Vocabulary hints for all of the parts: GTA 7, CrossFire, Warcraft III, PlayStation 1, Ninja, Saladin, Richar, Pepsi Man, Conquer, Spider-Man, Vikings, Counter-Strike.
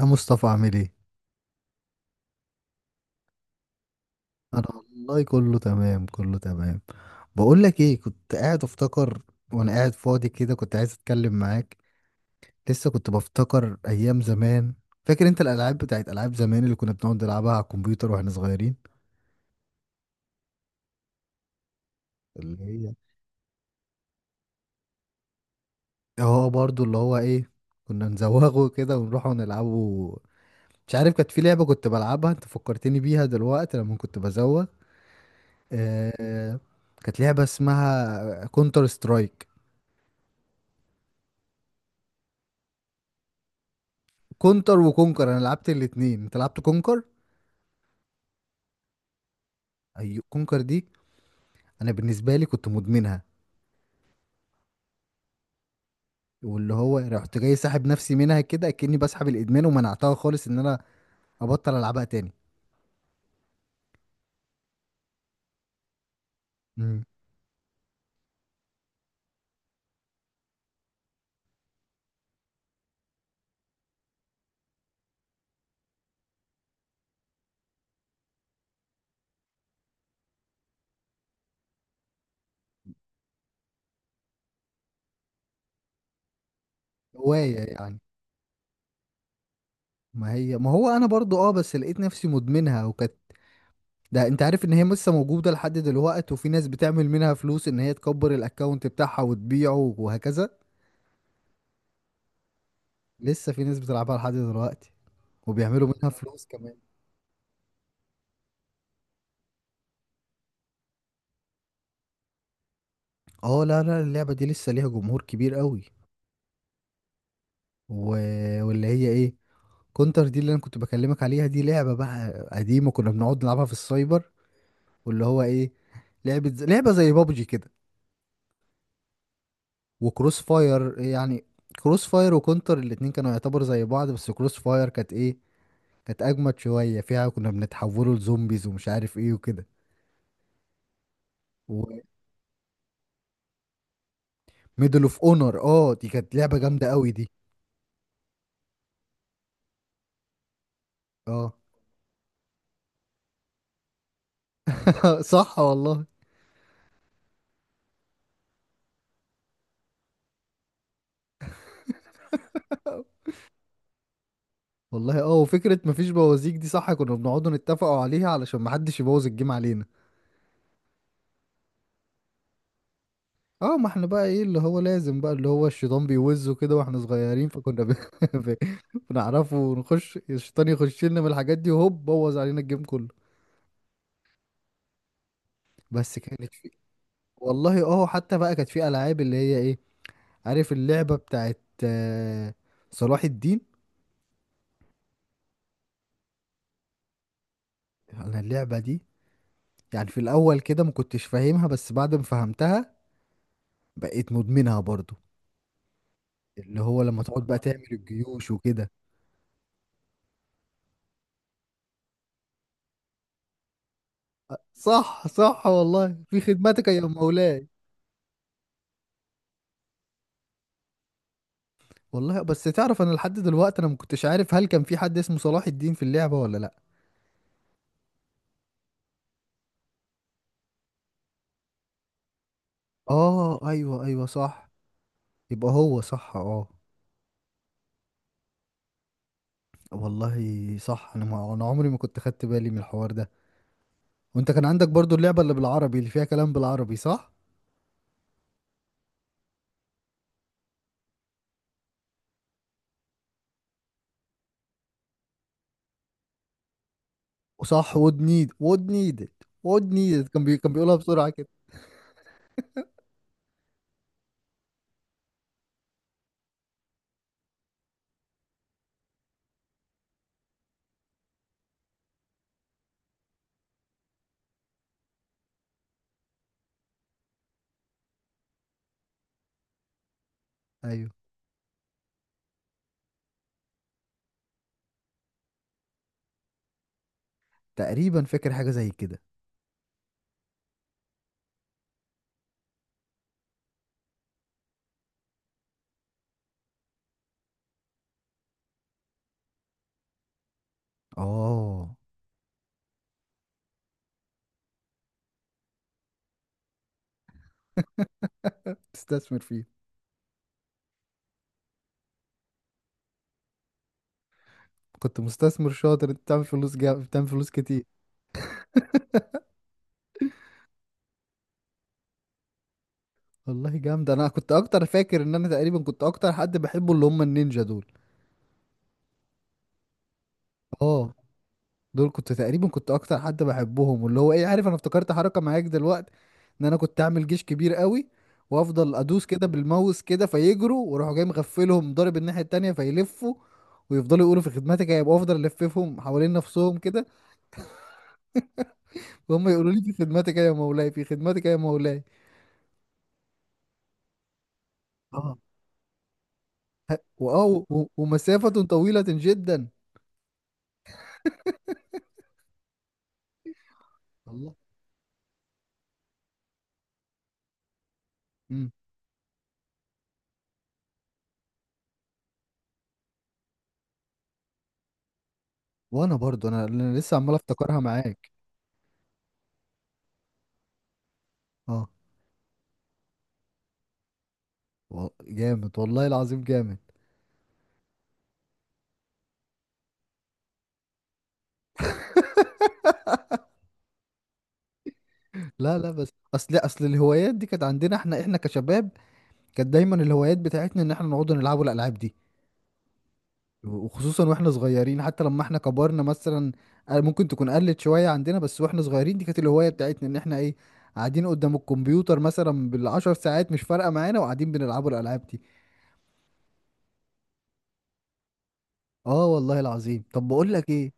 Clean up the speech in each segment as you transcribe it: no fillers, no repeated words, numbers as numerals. يا مصطفى عامل ايه؟ انا والله كله تمام، كله تمام. بقول لك ايه، كنت قاعد افتكر وانا قاعد فاضي كده، كنت عايز اتكلم معاك. لسه كنت بفتكر ايام زمان. فاكر انت الالعاب بتاعت العاب زمان اللي كنا بنقعد نلعبها على الكمبيوتر واحنا صغيرين؟ اللي هي اه، برضو اللي هو ايه، كنا نزوغه كده ونروح ونلعبه. مش عارف، كانت في لعبة كنت بلعبها، انت فكرتني بيها دلوقتي لما كنت بزوغ. آه... كانت لعبة اسمها كونتر سترايك. كونتر وكونكر، انا لعبت الاتنين، انت لعبت كونكر. ايوه، كونكر دي انا بالنسبه لي كنت مدمنها، واللي هو رحت جاي ساحب نفسي منها كده كأني بسحب الادمان، ومنعتها خالص ان انا ابطل العبها تاني. امم هوايه يعني. ما هو انا برضو اه، بس لقيت نفسي مدمنها وكانت، ده انت عارف ان هي لسه موجوده لحد دلوقت، وفي ناس بتعمل منها فلوس، ان هي تكبر الاكونت بتاعها وتبيعه وهكذا. لسه في ناس بتلعبها لحد دلوقتي وبيعملوا منها فلوس كمان. اه، لا لا، اللعبة دي لسه ليها جمهور كبير قوي. و... واللي هي ايه، كونتر دي اللي انا كنت بكلمك عليها، دي لعبة بقى قديمة، كنا بنقعد نلعبها في السايبر. واللي هو ايه، لعبة زي بابجي كده، وكروس فاير يعني. كروس فاير وكونتر الاتنين كانوا يعتبر زي بعض، بس كروس فاير كانت ايه، كانت اجمد شوية، فيها كنا بنتحولوا لزومبيز ومش عارف ايه وكده. وميدل اوف اونر، اه دي كانت لعبة جامدة قوي دي. اه. صح والله. والله اه، وفكرة مفيش بوازيك دي، صح، كنا بنقعدوا نتفقوا عليها علشان محدش يبوظ الجيم علينا. اه، ما احنا بقى ايه، اللي هو لازم بقى، اللي هو الشيطان بيوزه كده واحنا صغيرين، ب... بنعرفه، ونخش الشيطان يخش لنا من الحاجات دي، وهوب، بوظ علينا الجيم كله. بس كانت في، والله اه، حتى بقى كانت في العاب اللي هي ايه، عارف اللعبة بتاعت صلاح الدين؟ انا اللعبة دي، يعني في الاول كده ما كنتش فاهمها، بس بعد ما فهمتها بقيت مدمنها برضو. اللي هو لما تقعد بقى تعمل الجيوش وكده، صح والله، في خدمتك يا مولاي. والله بس تعرف، انا لحد دلوقتي انا ما كنتش عارف هل كان في حد اسمه صلاح الدين في اللعبة ولا لا. اه ايوه، صح. يبقى هو صح، اه. والله صح، انا عمري ما كنت خدت بالي من الحوار ده. وانت كان عندك برضو اللعبة اللي بالعربي، اللي فيها كلام بالعربي، صح. وصح، ود نيدد. ود نيدد كان كان بيقولها بسرعة كده. ايوه، تقريبا فاكر حاجة زي كده. اه. تستثمر فيه. كنت مستثمر شاطر انت، بتعمل فلوس كتير. والله جامد. انا كنت اكتر، فاكر ان انا تقريبا كنت اكتر حد بحبه اللي هم النينجا دول. اه، دول كنت تقريبا كنت اكتر حد بحبهم، واللي هو ايه، عارف انا افتكرت حركة معاك دلوقتي، ان انا كنت اعمل جيش كبير قوي وافضل ادوس كده بالماوس كده، فيجروا، واروح جاي مغفلهم ضارب الناحية التانية، فيلفوا، ويفضلوا يقولوا في خدمتك يا، يبقى افضل الففهم حوالين نفسهم كده، وهم يقولوا لي في خدمتك يا مولاي، في خدمتك يا مولاي. اه، ومسافة طويلة جدا. الله. وانا برضو أنا لسه عمال افتكرها معاك. اه، جامد والله العظيم، جامد. لا لا، بس اصل، الهوايات دي كانت عندنا احنا، احنا كشباب كانت دايما الهوايات بتاعتنا ان احنا نقعد نلعبوا الالعاب دي. وخصوصا واحنا صغيرين، حتى لما احنا كبرنا مثلا ممكن تكون قلت شويه عندنا، بس واحنا صغيرين دي كانت الهوايه بتاعتنا، ان احنا ايه، قاعدين قدام الكمبيوتر مثلا بالعشر ساعات مش فارقه معانا، وقاعدين بنلعبوا الالعاب دي. اه والله العظيم. طب بقول لك ايه،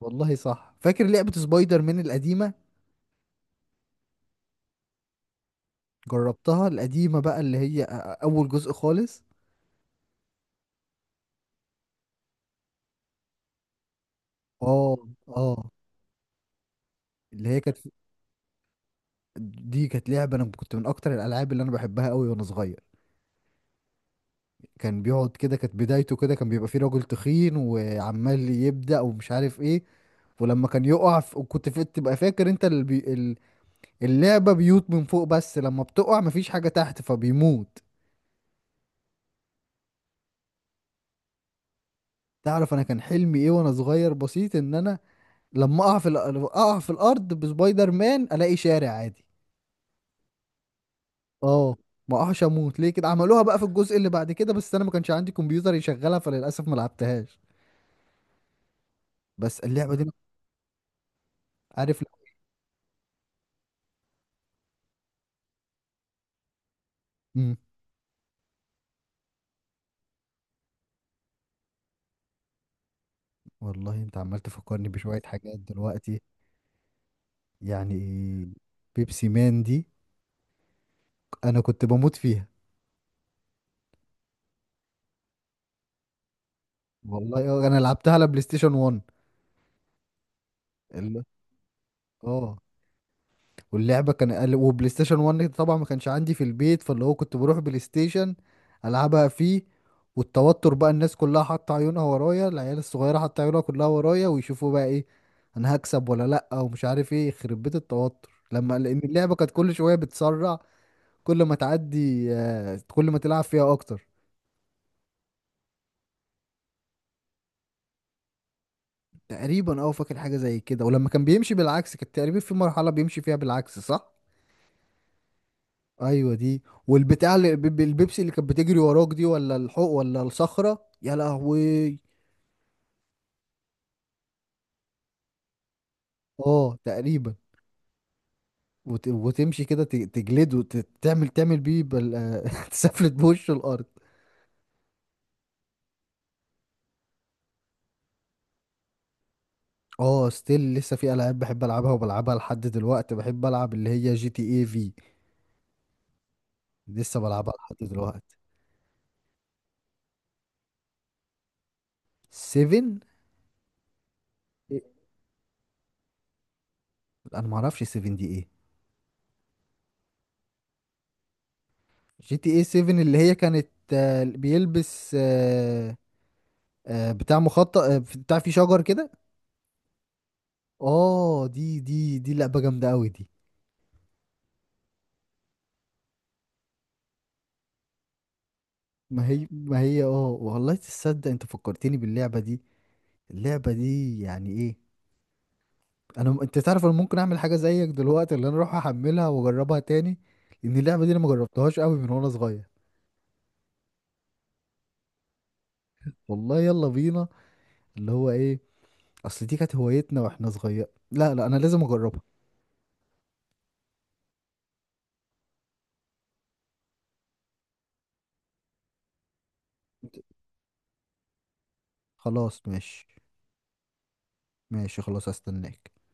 والله صح، فاكر لعبه سبايدر مان القديمه؟ جربتها القديمة بقى، اللي هي أول جزء خالص. اه. اه، اللي هي كانت، دي كانت لعبة أنا كنت من أكتر الألعاب اللي أنا بحبها أوي وأنا صغير. كان بيقعد كده، كانت بدايته كده، كان بيبقى فيه راجل تخين وعمال يبدأ ومش عارف إيه. ولما كان يقع ف... وكنت في... تبقى فاكر أنت اللعبة بيوت من فوق، بس لما بتقع مفيش حاجة تحت فبيموت. تعرف أنا كان حلمي إيه وأنا صغير بسيط، إن أنا لما أقع في أقع في الأرض بسبايدر مان، ألاقي شارع عادي. اه، ما اقعش اموت ليه كده؟ عملوها بقى في الجزء اللي بعد كده، بس انا ما كانش عندي كمبيوتر يشغلها، فللاسف ما لعبتهاش. بس اللعبه دي، عارف. امم والله انت عمال تفكرني بشويه حاجات دلوقتي يعني. بيبسي مان دي انا كنت بموت فيها. والله انا لعبتها على بلاي ستيشن 1. ال- اه واللعبه كان وبلاي ستيشن 1 طبعا ما كانش عندي في البيت، فاللي هو كنت بروح بلاي ستيشن العبها فيه. والتوتر بقى، الناس كلها حاطه عيونها ورايا، العيال الصغيره حاطه عيونها كلها ورايا، ويشوفوا بقى ايه، انا هكسب ولا لا، ومش عارف ايه، يخرب بيت التوتر لما، لان اللعبه كانت كل شويه بتسرع، كل ما تعدي، كل ما تلعب فيها اكتر. تقريبا اه، فاكر حاجه زي كده. ولما كان بيمشي بالعكس، كانت تقريبا في مرحله بيمشي فيها بالعكس صح. ايوه دي، والبتاع البيبسي اللي كانت بتجري وراك دي، ولا الحوق، ولا الصخرة، يا لهوي. اه تقريبا. وتمشي كده، تجلده، تعمل بيه تسفلت بوش الارض. اه ستيل، لسه في العاب بحب العبها وبلعبها لحد دلوقتي، بحب العب اللي هي جي تي اي في. لسه بلعبها لحد دلوقتي. 7. انا ما اعرفش 7 دي ايه. جي تي اي 7، اللي هي كانت، بيلبس، بتاع مخطط، بتاع فيه شجر كده. اه دي، دي لعبة جامدة قوي دي. ما هي اه والله، تصدق انت فكرتني باللعبة دي. اللعبة دي يعني ايه، انت تعرف انا ممكن اعمل حاجة زيك دلوقتي، اللي انا اروح احملها واجربها تاني. لان اللعبة دي انا ما جربتهاش قوي من وانا صغير. والله يلا بينا. اللي هو ايه، اصل دي كانت هوايتنا واحنا صغير، لا لا انا لازم اجربها. خلاص ماشي. ماشي خلاص، هستناك.